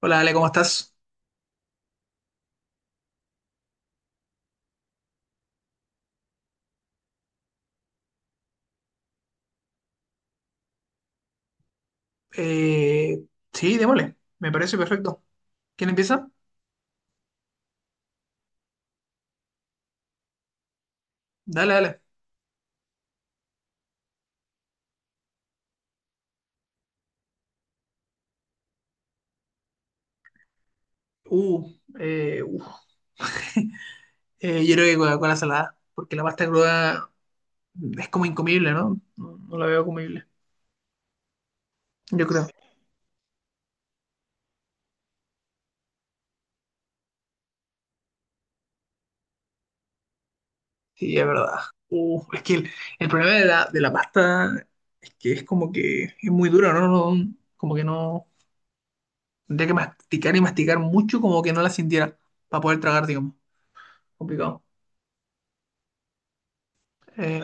Hola, Ale, ¿cómo estás? Eh, sí, démosle. Me parece perfecto. ¿Quién empieza? Dale, dale. Uh, uf. Yo creo que Coca-Cola salada, porque la pasta cruda es como incomible, ¿no? No, no la veo comible. Yo creo. Sí, es verdad. Es que el problema de la pasta es que es como que es muy dura, ¿no? Como que no. Tendría que masticar y masticar mucho, como que no la sintiera para poder tragar, digamos. Complicado. Eh,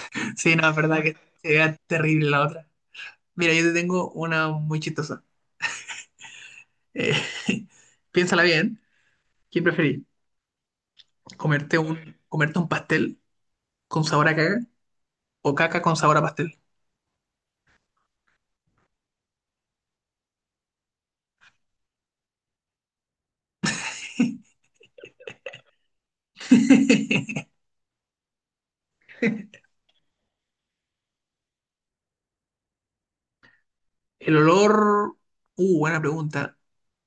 sí, no, es verdad que era terrible la otra. Mira, yo te tengo una muy chistosa. Eh, piénsala bien. ¿Quién preferís? ¿Comerte un, ¿Comerte un pastel con sabor a caca o caca con sabor a pastel? El olor... Buena pregunta.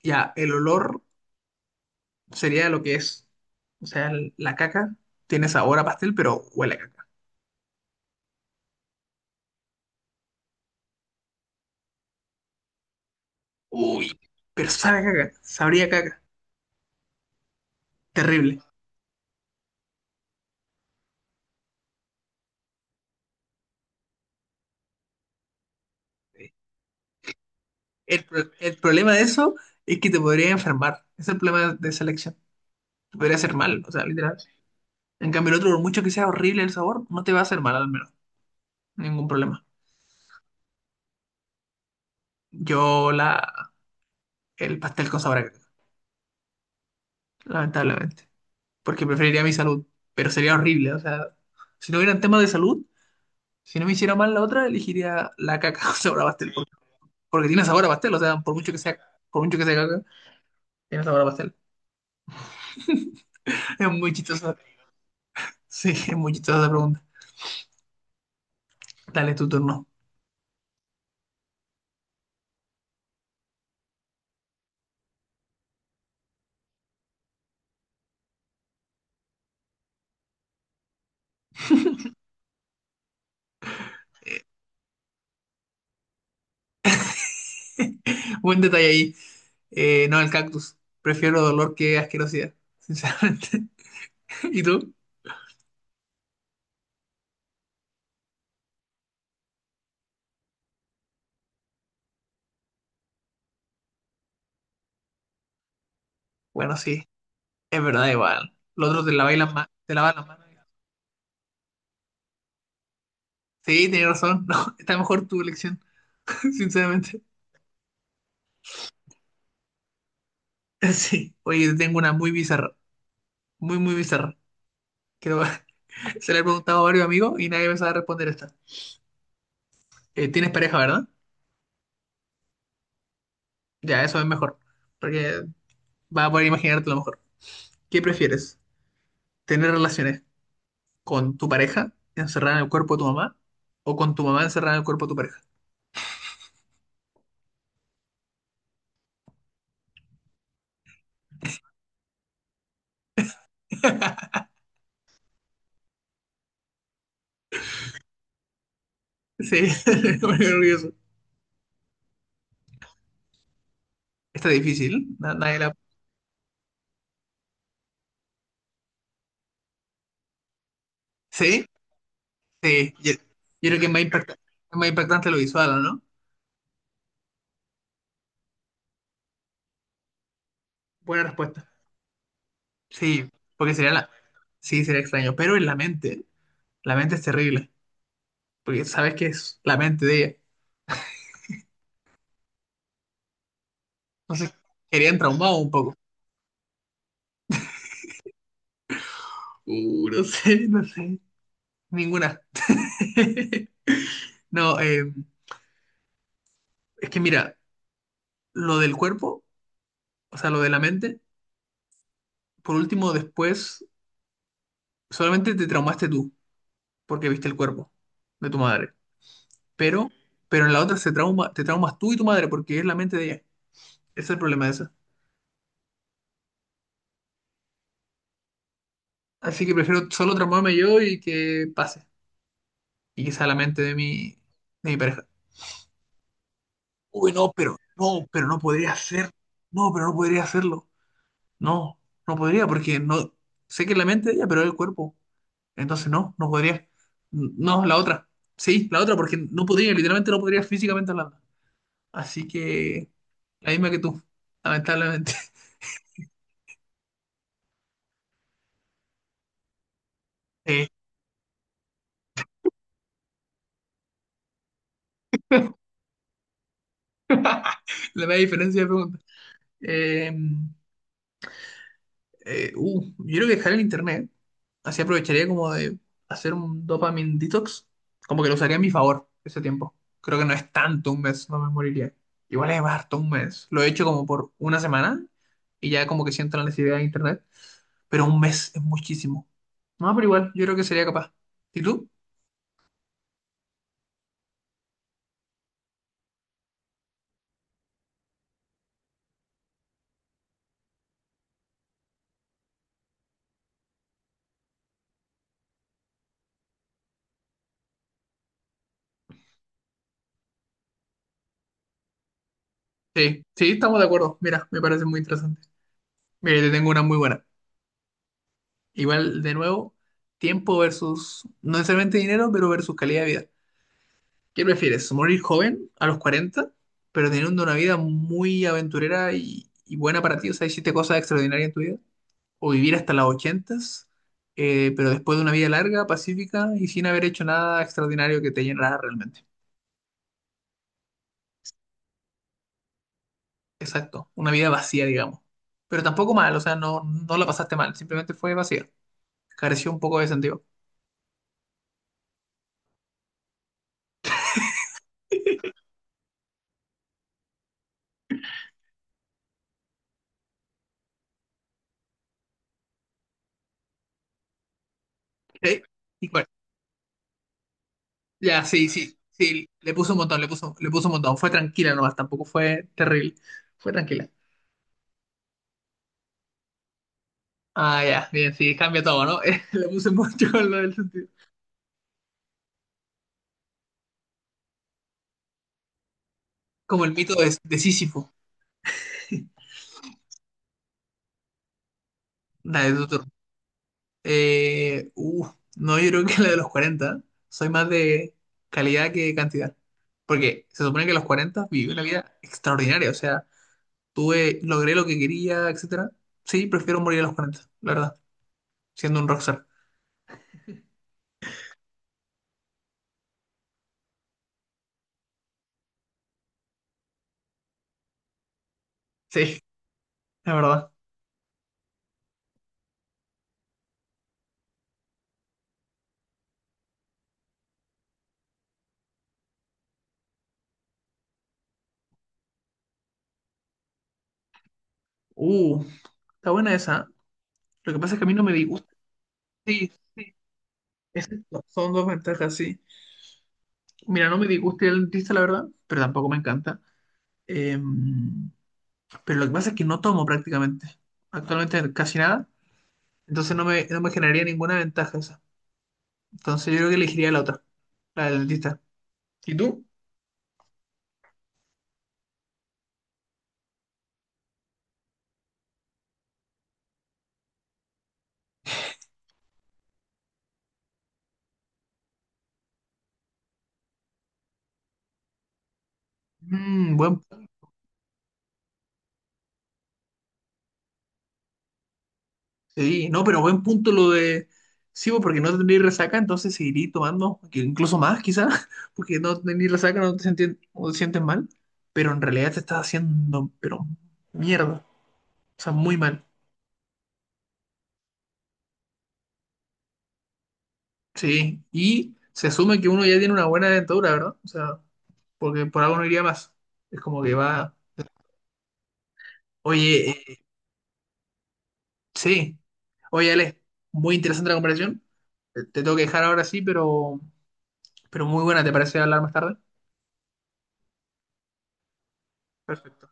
Ya, el olor sería lo que es. O sea, la caca tiene sabor a pastel, pero huele a caca. Uy, pero sabe a caca. Sabría a caca. Terrible. El problema de eso es que te podría enfermar. Ese es el problema de esa elección. Te podría hacer mal, o sea, literal. En cambio, el otro, por mucho que sea horrible el sabor, no te va a hacer mal al menos. Ningún problema. Yo la... el pastel con sabor a caca, lamentablemente. Porque preferiría mi salud. Pero sería horrible. O sea, si no hubieran temas de salud, si no me hiciera mal la otra, elegiría la caca con sabor a pastel. Porque, porque tiene sabor a pastel. O sea, por mucho que sea caca, tiene sabor a pastel. Es muy chistosa. Sí, es muy chistosa esa pregunta. Dale tu turno. Buen detalle ahí. No, el cactus. Prefiero dolor que asquerosidad, sinceramente. ¿Y tú? Bueno, sí, es verdad, igual. Los otros te lavan las manos. Te lavan las manos. Sí, tienes razón. No, está mejor tu elección, sinceramente. Sí. Oye, tengo una muy bizarra. Muy, muy bizarra. Creo que se la he preguntado a varios amigos y nadie me sabe responder esta. ¿Tienes pareja, verdad? Ya, eso es mejor. Porque vas a poder imaginarte lo mejor. ¿Qué prefieres? ¿Tener relaciones con tu pareja encerrada en el cuerpo de tu mamá o con tu mamá encerrada en el cuerpo de tu pareja? Sí, me pone nervioso. Está difícil. Nadie la... ¿Sí? Sí, yo creo que es más es más impactante lo visual, ¿no? Buena respuesta. Sí, porque sería la... Sí, sería extraño, pero en la mente es terrible, porque sabes que es la mente de ella. Entonces, querían traumado un poco. No sé, no sé, ninguna. No, es que mira, lo del cuerpo, o sea, lo de la mente, por último, después, solamente te traumaste tú, porque viste el cuerpo de tu madre, pero, pero en la otra se trauma, te traumas tú y tu madre, porque es la mente de ella. Ese es el problema de eso. Así que prefiero solo transformarme yo y que pase. Y que sea la mente de mi pareja. Uy, no, pero no, pero no podría hacer. No, pero no podría hacerlo. No, no podría porque no sé que es la mente de ella, pero es el cuerpo. Entonces no, no podría. No, la otra. Sí, la otra porque no podría, literalmente no podría físicamente hablando. Así que la misma que tú, lamentablemente. Eh, la misma diferencia de preguntas. Em, yo creo que dejar el internet, así aprovecharía como de hacer un dopamine detox, como que lo usaría a mi favor ese tiempo. Creo que no es tanto un mes, no me moriría. Igual es harto un mes. Lo he hecho como por una semana y ya como que siento la necesidad de internet, pero un mes es muchísimo. No, pero igual, yo creo que sería capaz. ¿Y tú? Sí, sí, estamos de acuerdo. Mira, me parece muy interesante. Mira, yo te tengo una muy buena. Igual, de nuevo, tiempo versus, no necesariamente dinero, pero versus calidad de vida. ¿Qué prefieres? ¿Morir joven a los 40, pero teniendo una vida muy aventurera y buena para ti? O sea, hiciste cosas extraordinarias en tu vida. ¿O vivir hasta las 80, pero después de una vida larga, pacífica y sin haber hecho nada extraordinario que te llenara realmente? Exacto, una vida vacía, digamos. Pero tampoco mal, o sea, no, no la pasaste mal, simplemente fue vacía. Careció un poco de sentido. ¿Ok? Y bueno, ya, sí, sí, sí, le puso un montón, le puso un montón. Fue tranquila nomás, tampoco fue terrible. Fue tranquila. Ah, ya, bien, sí, cambia todo, ¿no? Le puse mucho con lo del sentido. Como el mito de Sísifo, la de Tutor. Eh, uh, no, yo creo que la de los 40. Soy más de calidad que cantidad. Porque se supone que a los 40 viví una vida extraordinaria. O sea, tuve, logré lo que quería, etcétera. Sí, prefiero morir a los 40, la verdad. Siendo un rockstar. Sí, la verdad. Uh, Está buena esa. Lo que pasa es que a mí no me disgusta. Sí, sí. es- Son dos ventajas, sí. Mira, no me disgusta el dentista, la verdad, pero tampoco me encanta. Eh, pero lo que pasa es que no tomo prácticamente, actualmente casi nada, entonces no me, no me generaría ninguna ventaja esa. Entonces yo creo que elegiría la otra, la del dentista. ¿Y tú? Mm, buen, sí, no, pero buen punto lo de... Sí, pues, porque no tendría resaca, entonces seguiría tomando, que incluso más quizás, porque no tendría resaca, no te sientes, no te sientes mal, pero en realidad te estás haciendo, pero mierda, o sea, muy mal. Sí, y se asume que uno ya tiene una buena dentadura, ¿verdad? O sea, porque por algo no iría más. Es como que va, oye, sí, oye, Ale, muy interesante la conversación. Te tengo que dejar ahora sí, pero muy buena, ¿te parece hablar más tarde? Perfecto.